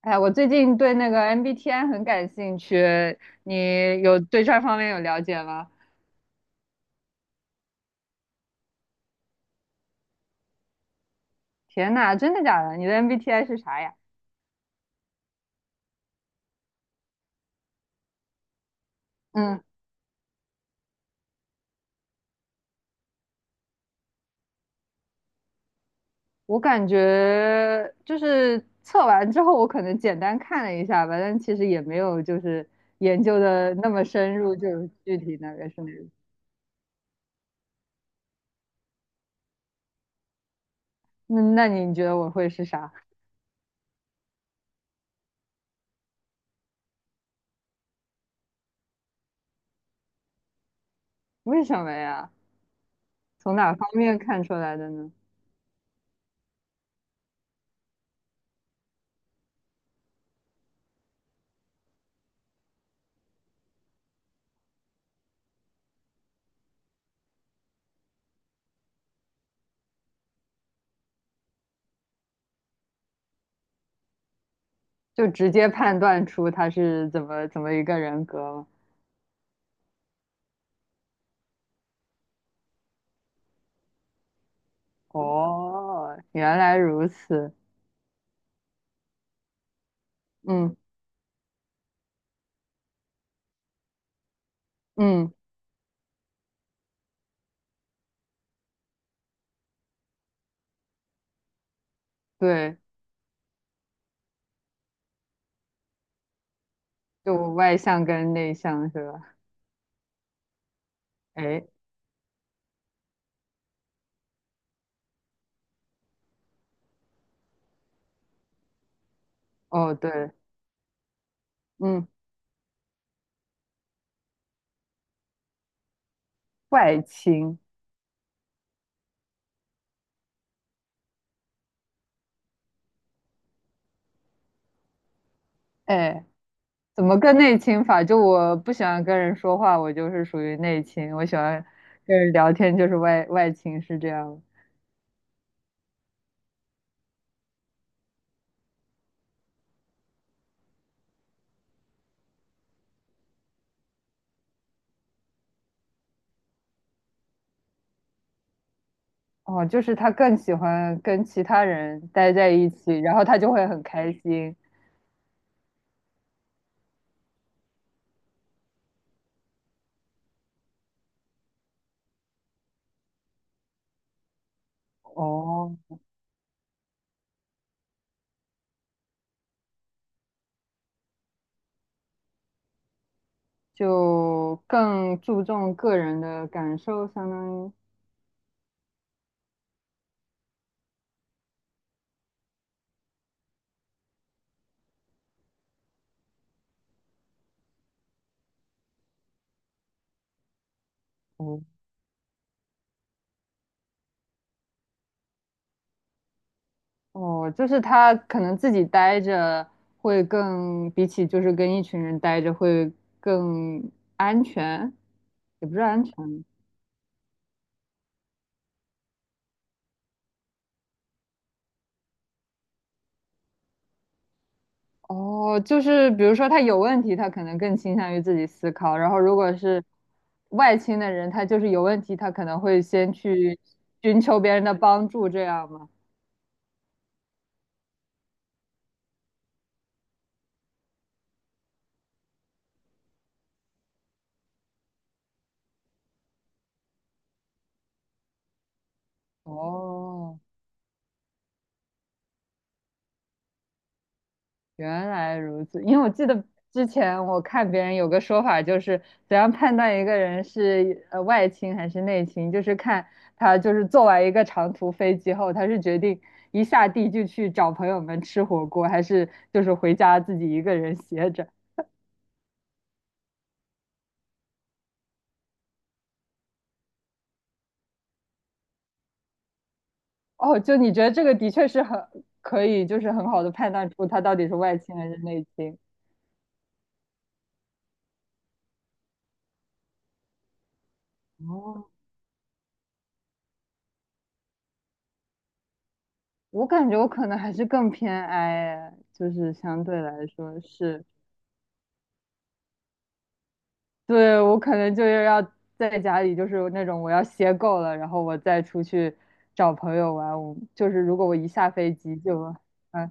哎，我最近对那个 MBTI 很感兴趣，你有对这方面有了解吗？天呐，真的假的？你的 MBTI 是啥呀？嗯，我感觉就是测完之后，我可能简单看了一下吧，但其实也没有就是研究的那么深入，就是具体那个是哪个。那你觉得我会是啥？为什么呀？从哪方面看出来的呢？就直接判断出他是怎么怎么一个人格吗？哦，原来如此。嗯嗯，对，就外向跟内向是吧？哎，哦对，嗯，外倾，哎，怎么个内倾法？就我不喜欢跟人说话，我就是属于内倾；我喜欢跟人聊天，就是外倾，是这样。哦，就是他更喜欢跟其他人待在一起，然后他就会很开心。哦，就更注重个人的感受，相当于。哦哦，就是他可能自己待着会更，比起就是跟一群人待着会更安全，也不是安全。哦，就是比如说他有问题，他可能更倾向于自己思考，然后如果是外倾的人，他就是有问题，他可能会先去寻求别人的帮助，这样吗？哦，原来如此，因为我记得之前我看别人有个说法，就是怎样判断一个人是外倾还是内倾，就是看他就是坐完一个长途飞机后，他是决定一下地就去找朋友们吃火锅，还是就是回家自己一个人歇着。哦，就你觉得这个的确是很可以，就是很好的判断出他到底是外倾还是内倾。哦，我感觉我可能还是更偏 I，就是相对来说是。对，我可能就是要在家里，就是那种我要歇够了，然后我再出去找朋友玩。我就是如果我一下飞机就，哎，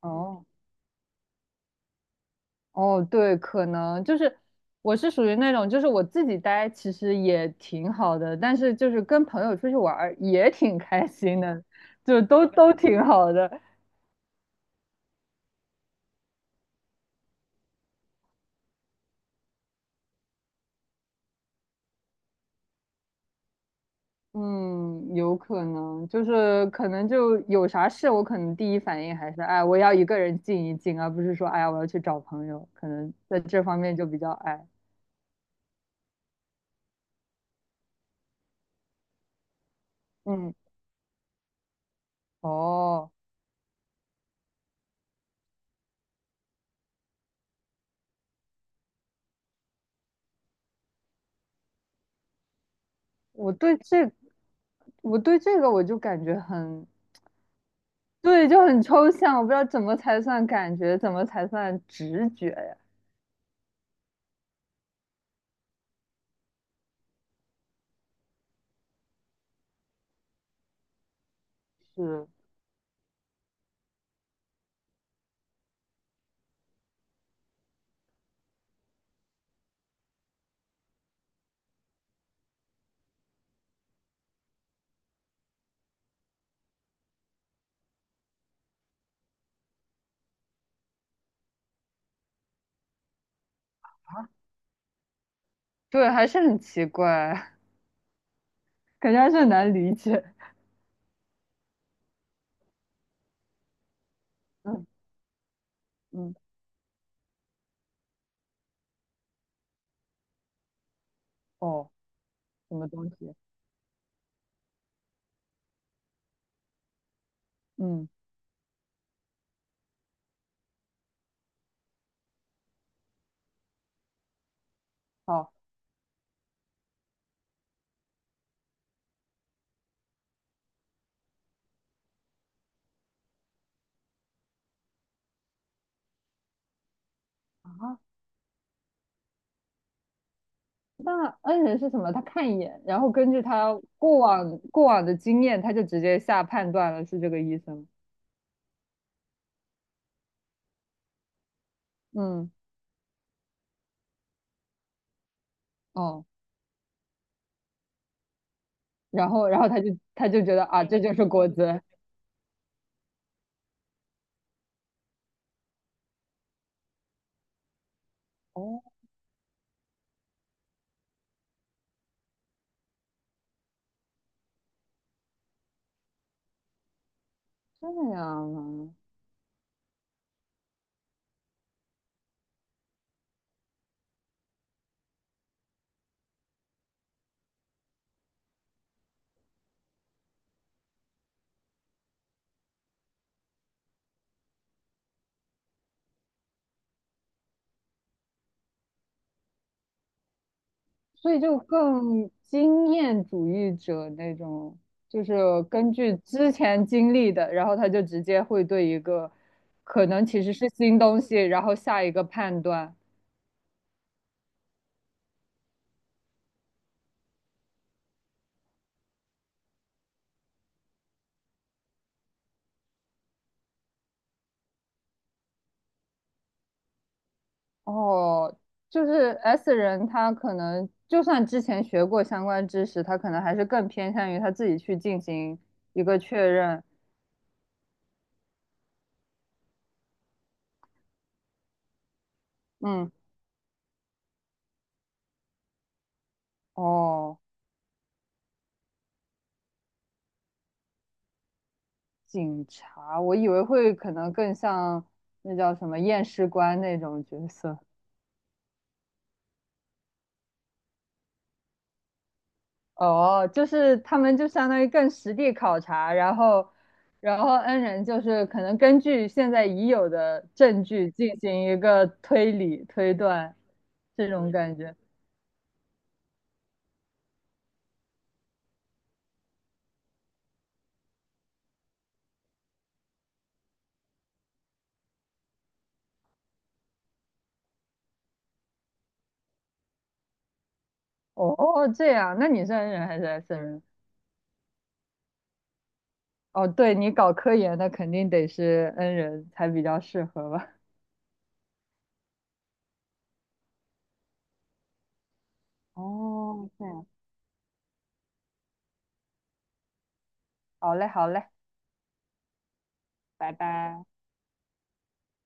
哦哦，对，可能就是我是属于那种，就是我自己待其实也挺好的，但是就是跟朋友出去玩儿也挺开心的，就都挺好的。嗯，有可能，就是可能就有啥事，我可能第一反应还是，哎，我要一个人静一静，而不是说，哎呀，我要去找朋友，可能在这方面就比较矮。嗯，哦，我对这，我对这个我就感觉很，对，就很抽象，我不知道怎么才算感觉，怎么才算直觉呀？是，对，还是很奇怪，感觉还是很难理解。嗯嗯，哦，什么东西？嗯，好啊，那恩人是什么？他看一眼，然后根据他过往的经验，他就直接下判断了是这个意思吗？嗯，哦，然后他就觉得啊，这就是果子。哦，这样啊，所以就更经验主义者那种，就是根据之前经历的，然后他就直接会对一个可能其实是新东西，然后下一个判断。哦，就是 S 人，他可能就算之前学过相关知识，他可能还是更偏向于他自己去进行一个确认。嗯，哦，警察，我以为会可能更像那叫什么验尸官那种角色。哦，就是他们就相当于更实地考察，然后，然后 N 人就是可能根据现在已有的证据进行一个推理推断，这种感觉。哦，哦哦这样，那你是 N 人还是 S 人？哦，对，你搞科研的肯定得是 N 人才比较适合吧？哦，这样，好嘞，好嘞，拜拜。